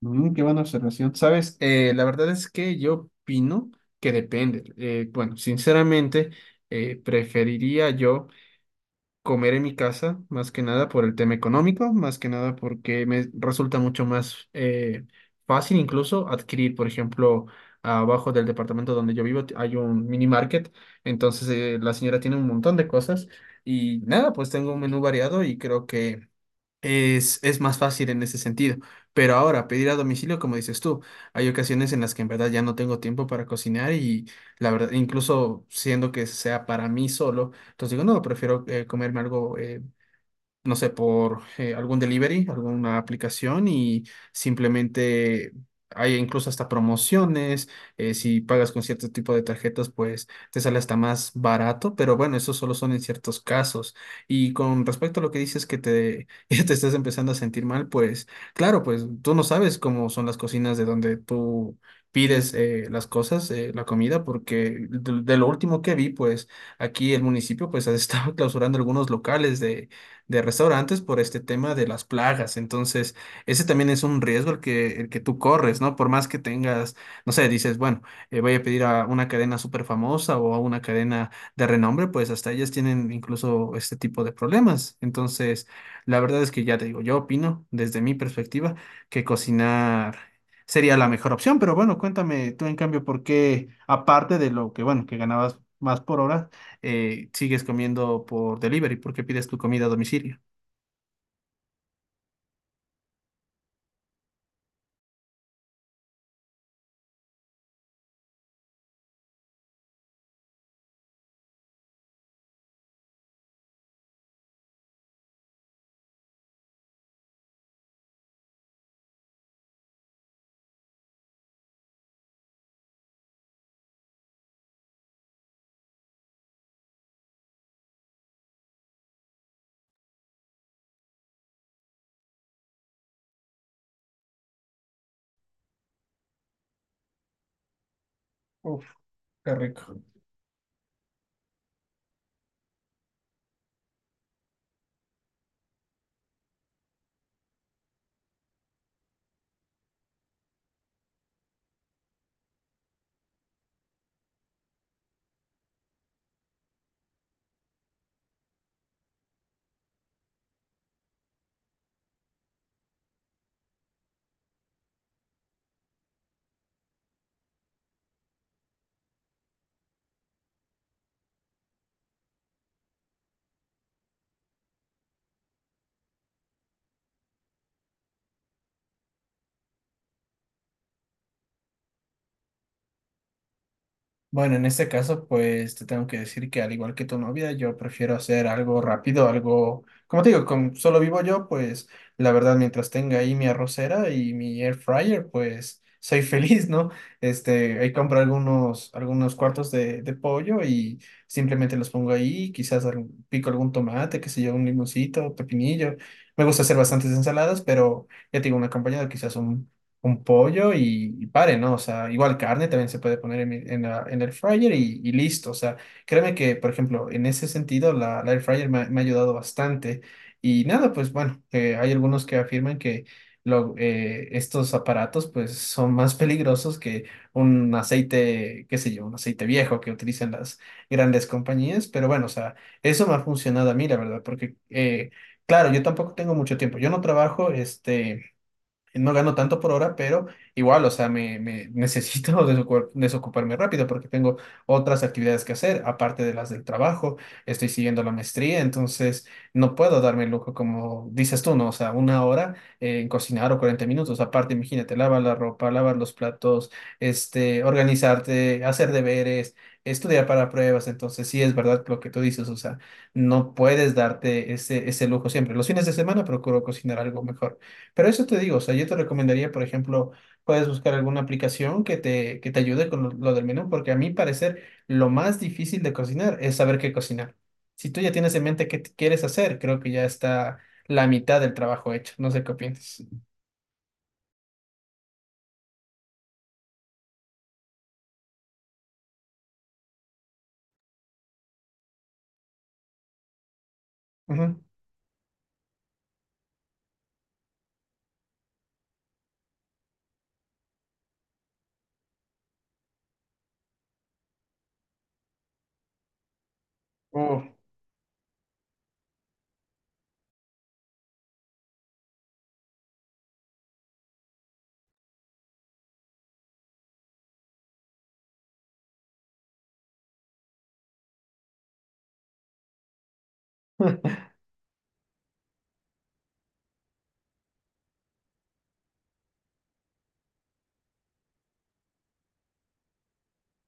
Qué buena observación. Sabes, la verdad es que yo opino que depende. Bueno, sinceramente, preferiría yo comer en mi casa, más que nada por el tema económico, más que nada porque me resulta mucho más fácil incluso adquirir, por ejemplo, abajo del departamento donde yo vivo hay un mini market. Entonces la señora tiene un montón de cosas, y nada, pues tengo un menú variado y creo que es más fácil en ese sentido. Pero ahora, pedir a domicilio, como dices tú, hay ocasiones en las que en verdad ya no tengo tiempo para cocinar, y la verdad, incluso siendo que sea para mí solo, entonces digo, no, prefiero comerme algo, no sé, por algún delivery, alguna aplicación, y simplemente hay incluso hasta promociones. Si pagas con cierto tipo de tarjetas, pues te sale hasta más barato, pero bueno, eso solo son en ciertos casos. Y con respecto a lo que dices que te, ya te estás empezando a sentir mal, pues claro, pues tú no sabes cómo son las cocinas de donde tú pides las cosas, la comida, porque de lo último que vi, pues aquí el municipio pues ha estado clausurando algunos locales de restaurantes por este tema de las plagas. Entonces, ese también es un riesgo el que tú corres, ¿no? Por más que tengas, no sé, dices, bueno, voy a pedir a una cadena súper famosa o a una cadena de renombre, pues hasta ellas tienen incluso este tipo de problemas. Entonces, la verdad es que ya te digo, yo opino desde mi perspectiva que cocinar sería la mejor opción, pero bueno, cuéntame tú en cambio por qué, aparte de lo que, bueno, que ganabas más por hora, sigues comiendo por delivery porque pides tu comida a domicilio. Uf, qué rico. Bueno, en este caso, pues te tengo que decir que al igual que tu novia, yo prefiero hacer algo rápido, algo, como te digo, como solo vivo yo, pues la verdad, mientras tenga ahí mi arrocera y mi air fryer, pues soy feliz, ¿no? Este, ahí compro algunos cuartos de pollo, y simplemente los pongo ahí, quizás pico algún tomate, qué sé yo, un limoncito, pepinillo. Me gusta hacer bastantes ensaladas, pero ya tengo un acompañado, quizás un pollo y pare, ¿no? O sea, igual carne también se puede poner en, mi- en la- en el air fryer, y listo. O sea, créeme que, por ejemplo, en ese sentido, la air fryer me ha ayudado bastante. Y nada, pues bueno, hay algunos que afirman que estos aparatos pues son más peligrosos que un aceite, qué sé yo, un aceite viejo que utilizan las grandes compañías. Pero bueno, o sea, eso me ha funcionado a mí, la verdad, porque claro, yo tampoco tengo mucho tiempo. Yo no trabajo, este, no gano tanto por hora, pero igual, o sea, me necesito desocuparme rápido porque tengo otras actividades que hacer, aparte de las del trabajo. Estoy siguiendo la maestría, entonces no puedo darme el lujo, como dices tú, ¿no? O sea, 1 hora en cocinar o 40 minutos, aparte, imagínate, lavar la ropa, lavar los platos, este, organizarte, hacer deberes, estudiar para pruebas. Entonces sí es verdad lo que tú dices, o sea, no puedes darte ese lujo siempre. Los fines de semana procuro cocinar algo mejor. Pero eso te digo, o sea, yo te recomendaría, por ejemplo, puedes buscar alguna aplicación que te ayude con lo del menú, porque a mi parecer lo más difícil de cocinar es saber qué cocinar. Si tú ya tienes en mente qué quieres hacer, creo que ya está la mitad del trabajo hecho. No sé qué opinas. Ujú. Uh,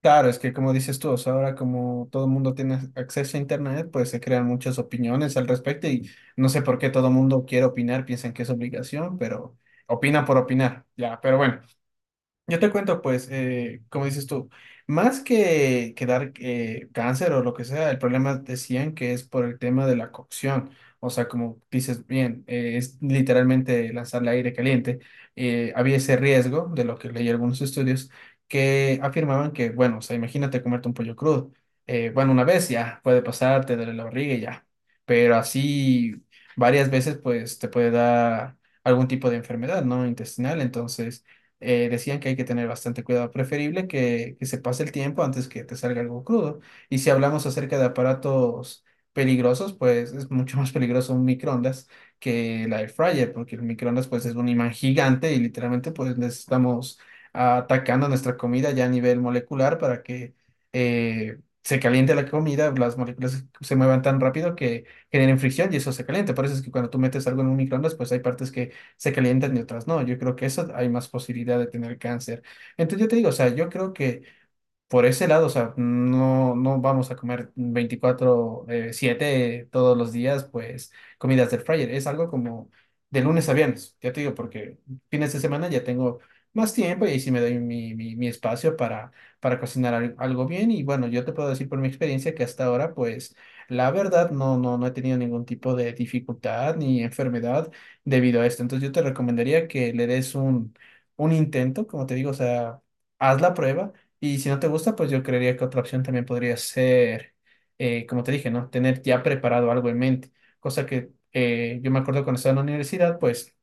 claro, es que como dices tú, o sea, ahora como todo el mundo tiene acceso a Internet, pues se crean muchas opiniones al respecto, y no sé por qué todo el mundo quiere opinar, piensan que es obligación, pero opina por opinar, ya, pero bueno. Yo te cuento, pues, como dices tú, más que dar cáncer o lo que sea, el problema decían que es por el tema de la cocción. O sea, como dices bien, es literalmente lanzarle aire caliente. Había ese riesgo, de lo que leí algunos estudios, que afirmaban que, bueno, o sea, imagínate comerte un pollo crudo. Bueno, una vez ya puede pasar, te duele la barriga y ya. Pero así varias veces, pues, te puede dar algún tipo de enfermedad, ¿no? Intestinal. Entonces decían que hay que tener bastante cuidado, preferible que se pase el tiempo antes que te salga algo crudo. Y si hablamos acerca de aparatos peligrosos, pues es mucho más peligroso un microondas que la air fryer, porque el microondas pues es un imán gigante, y literalmente pues les estamos atacando nuestra comida ya a nivel molecular, para que se caliente la comida, las moléculas se muevan tan rápido que generen fricción, y eso se calienta. Por eso es que cuando tú metes algo en un microondas, pues hay partes que se calientan y otras no. Yo creo que eso hay más posibilidad de tener cáncer. Entonces yo te digo, o sea, yo creo que por ese lado, o sea, no, no vamos a comer 24 7 todos los días, pues comidas del fryer. Es algo como de lunes a viernes, ya te digo, porque fines de semana ya tengo más tiempo, y ahí sí me doy mi, mi, mi espacio para cocinar algo bien. Y bueno, yo te puedo decir por mi experiencia que hasta ahora, pues la verdad, no, no, no he tenido ningún tipo de dificultad ni enfermedad debido a esto. Entonces yo te recomendaría que le des un intento, como te digo, o sea, haz la prueba. Y si no te gusta, pues yo creería que otra opción también podría ser, como te dije, ¿no? Tener ya preparado algo en mente. Cosa que yo me acuerdo cuando estaba en la universidad, pues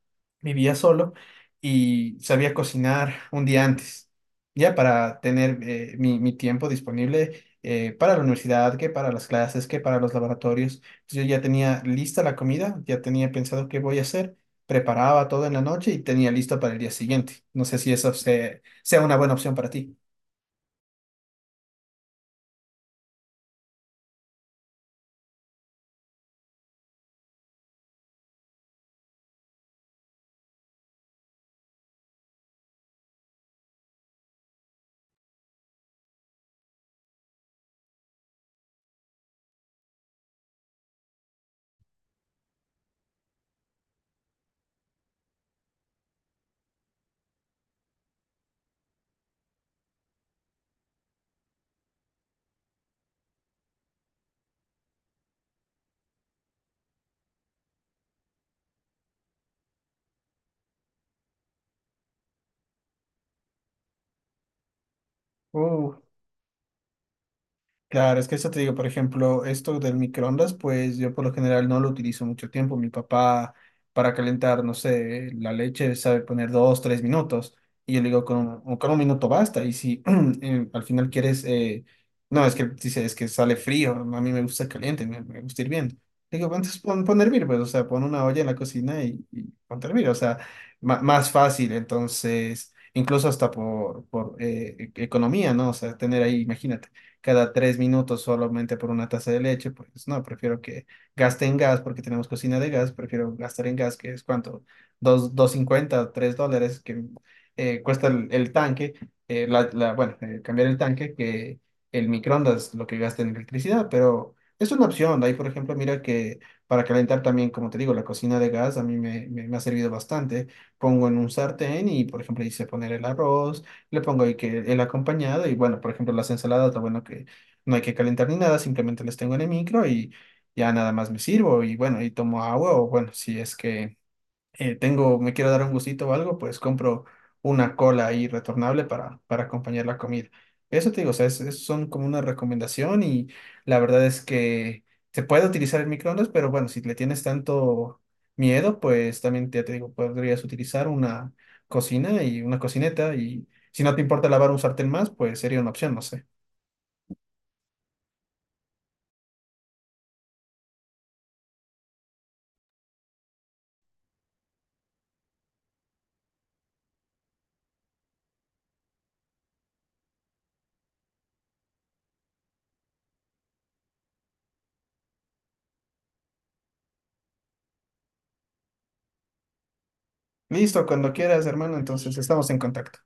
vivía solo y sabía cocinar un día antes, ya para tener mi, mi tiempo disponible para la universidad, que para las clases, que para los laboratorios. Entonces, yo ya tenía lista la comida, ya tenía pensado qué voy a hacer, preparaba todo en la noche y tenía listo para el día siguiente. No sé si eso sea una buena opción para ti. Uh, claro, es que eso te digo, por ejemplo, esto del microondas, pues yo por lo general no lo utilizo mucho tiempo. Mi papá para calentar, no sé, la leche sabe poner 2, 3 minutos. Y yo le digo, con un minuto basta. Y si al final quieres, no, es que dice, es que sale frío, a mí me gusta caliente, me gusta hirviendo. Le digo, entonces pon, pon a hervir, pues, o sea, pon una olla en la cocina, y ponte a hervir. O sea, más fácil, entonces incluso hasta por economía, ¿no? O sea, tener ahí, imagínate, cada 3 minutos solamente por una taza de leche, pues no, prefiero que gaste en gas porque tenemos cocina de gas, prefiero gastar en gas, que es cuánto, dos, dos cincuenta, tres dólares que cuesta el tanque. Bueno, cambiar el tanque, que el microondas lo que gasta en electricidad, pero es una opción. De ahí, por ejemplo, mira que para calentar también, como te digo, la cocina de gas a mí me ha servido bastante. Pongo en un sartén y, por ejemplo, hice poner el arroz, le pongo ahí que el acompañado y bueno, por ejemplo, las ensaladas, lo bueno que no hay que calentar ni nada, simplemente las tengo en el micro y ya nada más me sirvo y bueno, y tomo agua o bueno, si es que tengo, me quiero dar un gustito o algo, pues compro una cola ahí retornable para acompañar la comida. Eso te digo, o sea, son como una recomendación. Y la verdad es que se puede utilizar el microondas, pero bueno, si le tienes tanto miedo, pues también ya te digo, podrías utilizar una cocina y una cocineta. Y si no te importa lavar un sartén más, pues sería una opción, no sé. Listo, cuando quieras, hermano, entonces estamos en contacto.